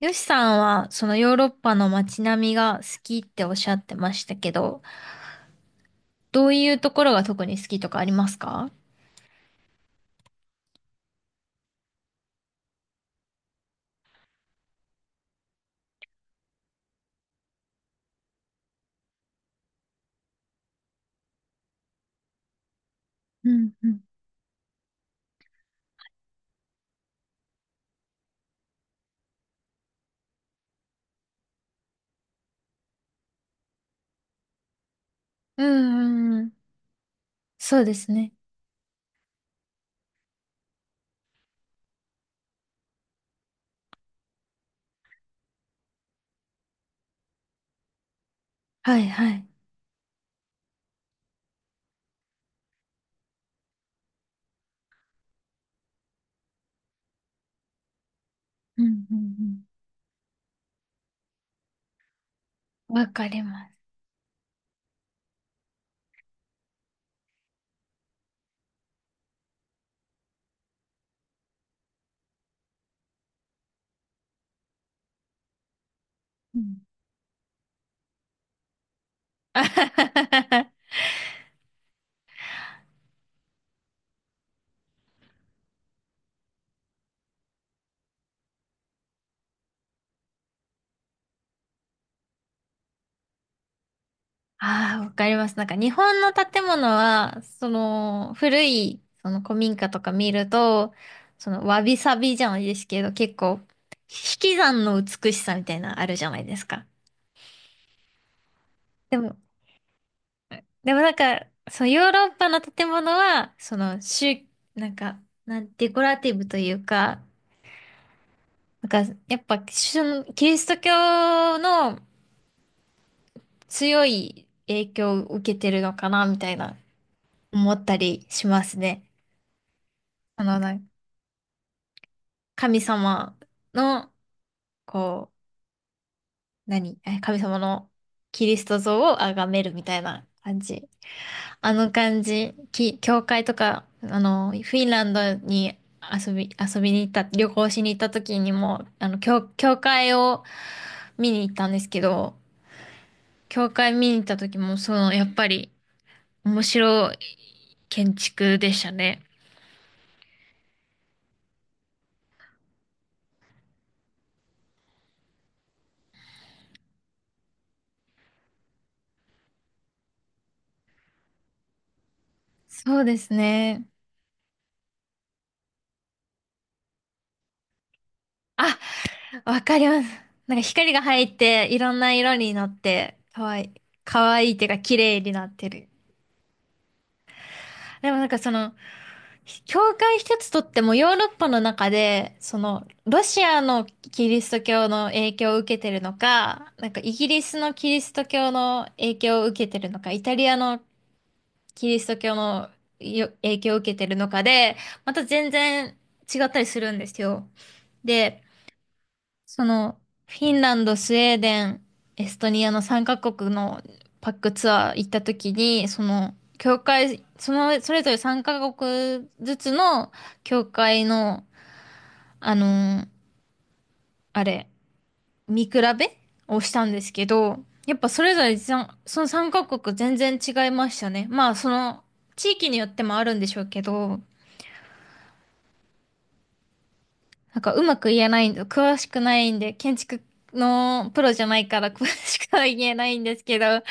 よしさんは、そのヨーロッパの街並みが好きっておっしゃってましたけど、どういうところが特に好きとかありますか？うんうんうんうんうん。そうですね。はいはい。うんうんうん。わかります。うん。あはははは。 あー、わかります。なんか日本の建物は、その古い、その古民家とか見ると、そのわびさびじゃないですけど、結構、引き算の美しさみたいなのあるじゃないですか。でも、でもなんか、そのヨーロッパの建物は、その、なんか、デコラティブというか、なんか、やっぱ、キリスト教の強い影響を受けてるのかな、みたいな、思ったりしますね。あの、なんか神様の、こう、神様のキリスト像を崇めるみたいな感じ。あの感じ、教会とか、あの、フィンランドに遊び、遊びに行った、旅行しに行った時にも、あの、教会を見に行ったんですけど、教会見に行った時も、その、やっぱり、面白い建築でしたね。そうですね。あ、わかります。なんか光が入って、いろんな色になって、かわいい。かわいいっていうか、綺麗になってる。でもなんかその、教会一つとってもヨーロッパの中で、その、ロシアのキリスト教の影響を受けてるのか、なんかイギリスのキリスト教の影響を受けてるのか、イタリアのキリスト教の影響を受けてるのかで、また全然違ったりするんですよ。で、その、フィンランド、スウェーデン、エストニアの3カ国のパックツアー行った時に、その、教会、その、それぞれ3カ国ずつの教会の、あのーあれ、見比べをしたんですけど、やっぱそれぞれその3カ国全然違いましたね。まあ、その、地域によってもあるんでしょうけど、なんかうまく言えないんで、詳しくないんで、建築のプロじゃないから 詳しくは言えないんですけど、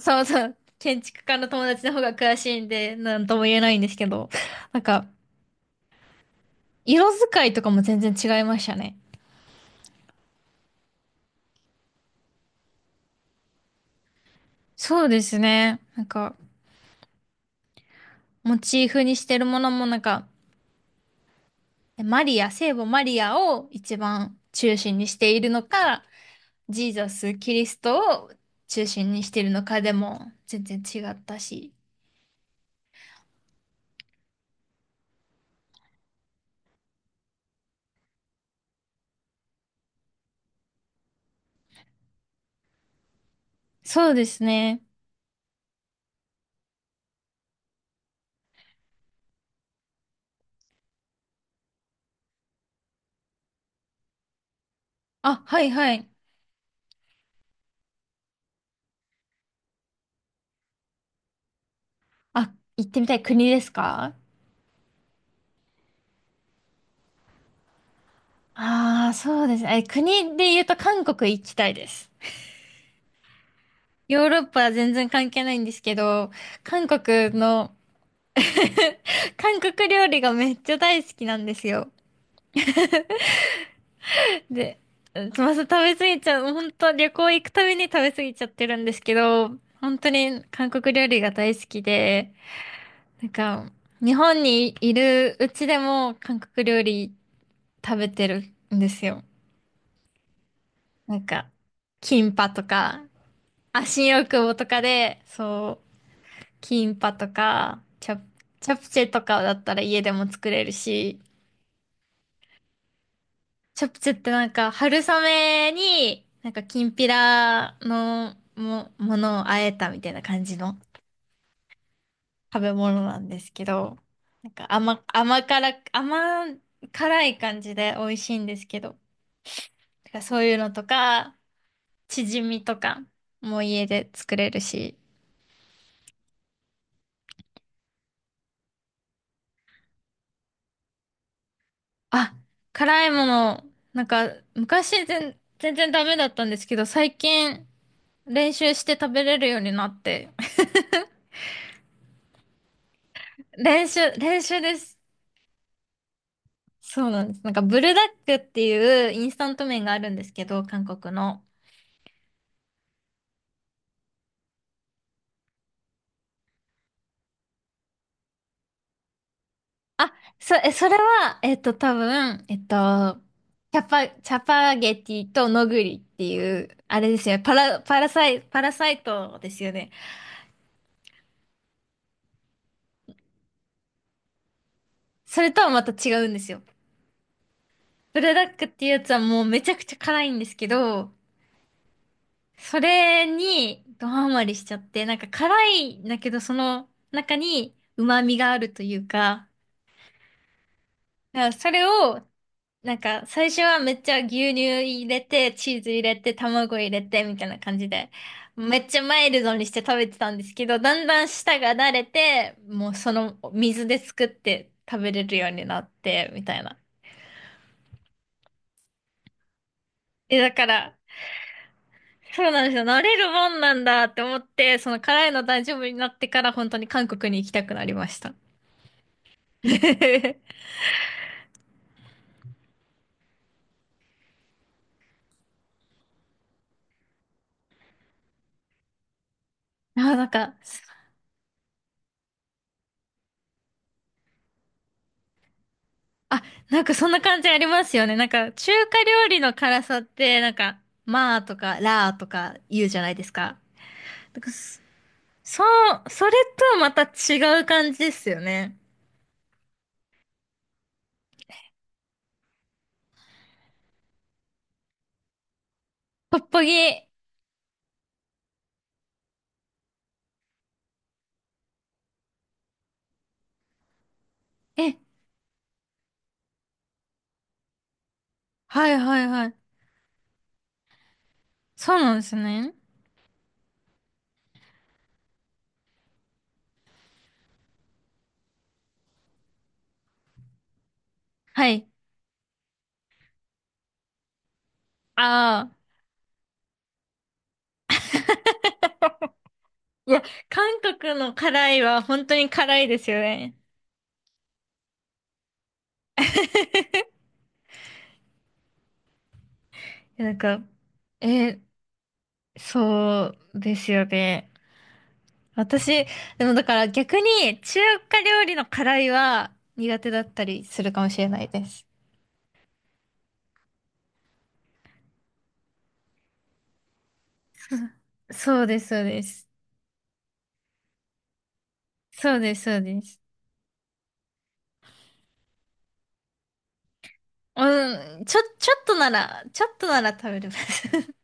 そうそう。建築家の友達の方が詳しいんで、なんとも言えないんですけど。なんか、色使いとかも全然違いましたね。そうですね。なんか、モチーフにしてるものもなんか、マリア、聖母マリアを一番中心にしているのか、ジーザス、キリストを中心にしているのかでも全然違ったし。そうですね。あ、はいはい。あ、行ってみたい国ですか？ああー、そうですね。国で言うと韓国行きたいです。ヨーロッパは全然関係ないんですけど、韓国の、韓国料理がめっちゃ大好きなんですよ。で、つまず食べ過ぎちゃう、本当旅行行くたびに食べ過ぎちゃってるんですけど、本当に韓国料理が大好きで、なんか、日本にいるうちでも韓国料理食べてるんですよ。なんか、キンパとか、あ、新大久保とかで、そう、キンパとか、チャプチェとかだったら家でも作れるし、チャプチェってなんか春雨に、なんかきんぴらのものをあえたみたいな感じの食べ物なんですけど、なんか甘辛い感じで美味しいんですけど、だからそういうのとか、チヂミとかも家で作れるし、あ、辛いもの、なんか、昔全然ダメだったんですけど、最近練習して食べれるようになって。練習、練習です。そうなんです。なんか、ブルダックっていうインスタント麺があるんですけど、韓国の。あ、それは、多分、チャパゲティとノグリっていう、あれですよね。パラサイトですよね。それとはまた違うんですよ。ブルダックっていうやつはもうめちゃくちゃ辛いんですけど、それにドハマりしちゃって、なんか辛いんだけど、その中に旨味があるというか、だからそれを、なんか最初はめっちゃ牛乳入れて、チーズ入れて、卵入れて、みたいな感じで、めっちゃマイルドにして食べてたんですけど、だんだん舌が慣れて、もうその水で作って食べれるようになって、みたいな。だから、そうなんですよ。慣れるもんなんだって思って、その辛いの大丈夫になってから本当に韓国に行きたくなりました。あ、なんか、あ、なんかそんな感じありますよね。なんか中華料理の辛さって、なんか、まあとか、らーとか言うじゃないですか。なんかそう、それとまた違う感じですよね。トッポギ。え、はいはいはい。そうなんですね。はい。ああ。いや、韓国の辛いは本当に辛いですよね。なんか、え、そうですよね。私、でもだから逆に中華料理の辛いは苦手だったりするかもしれないです。そうです、そうです。そうです、そうです。うん、ちょっとなら食べれます。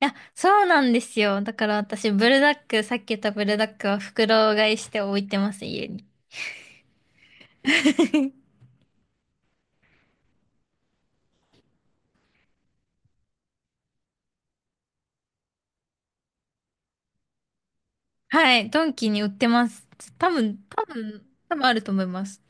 いや、そうなんですよ。だから私、ブルダック、さっき言ったブルダックは袋買いして置いてます、家に。はい、ドンキに売ってます。多分、多分、多分あると思います。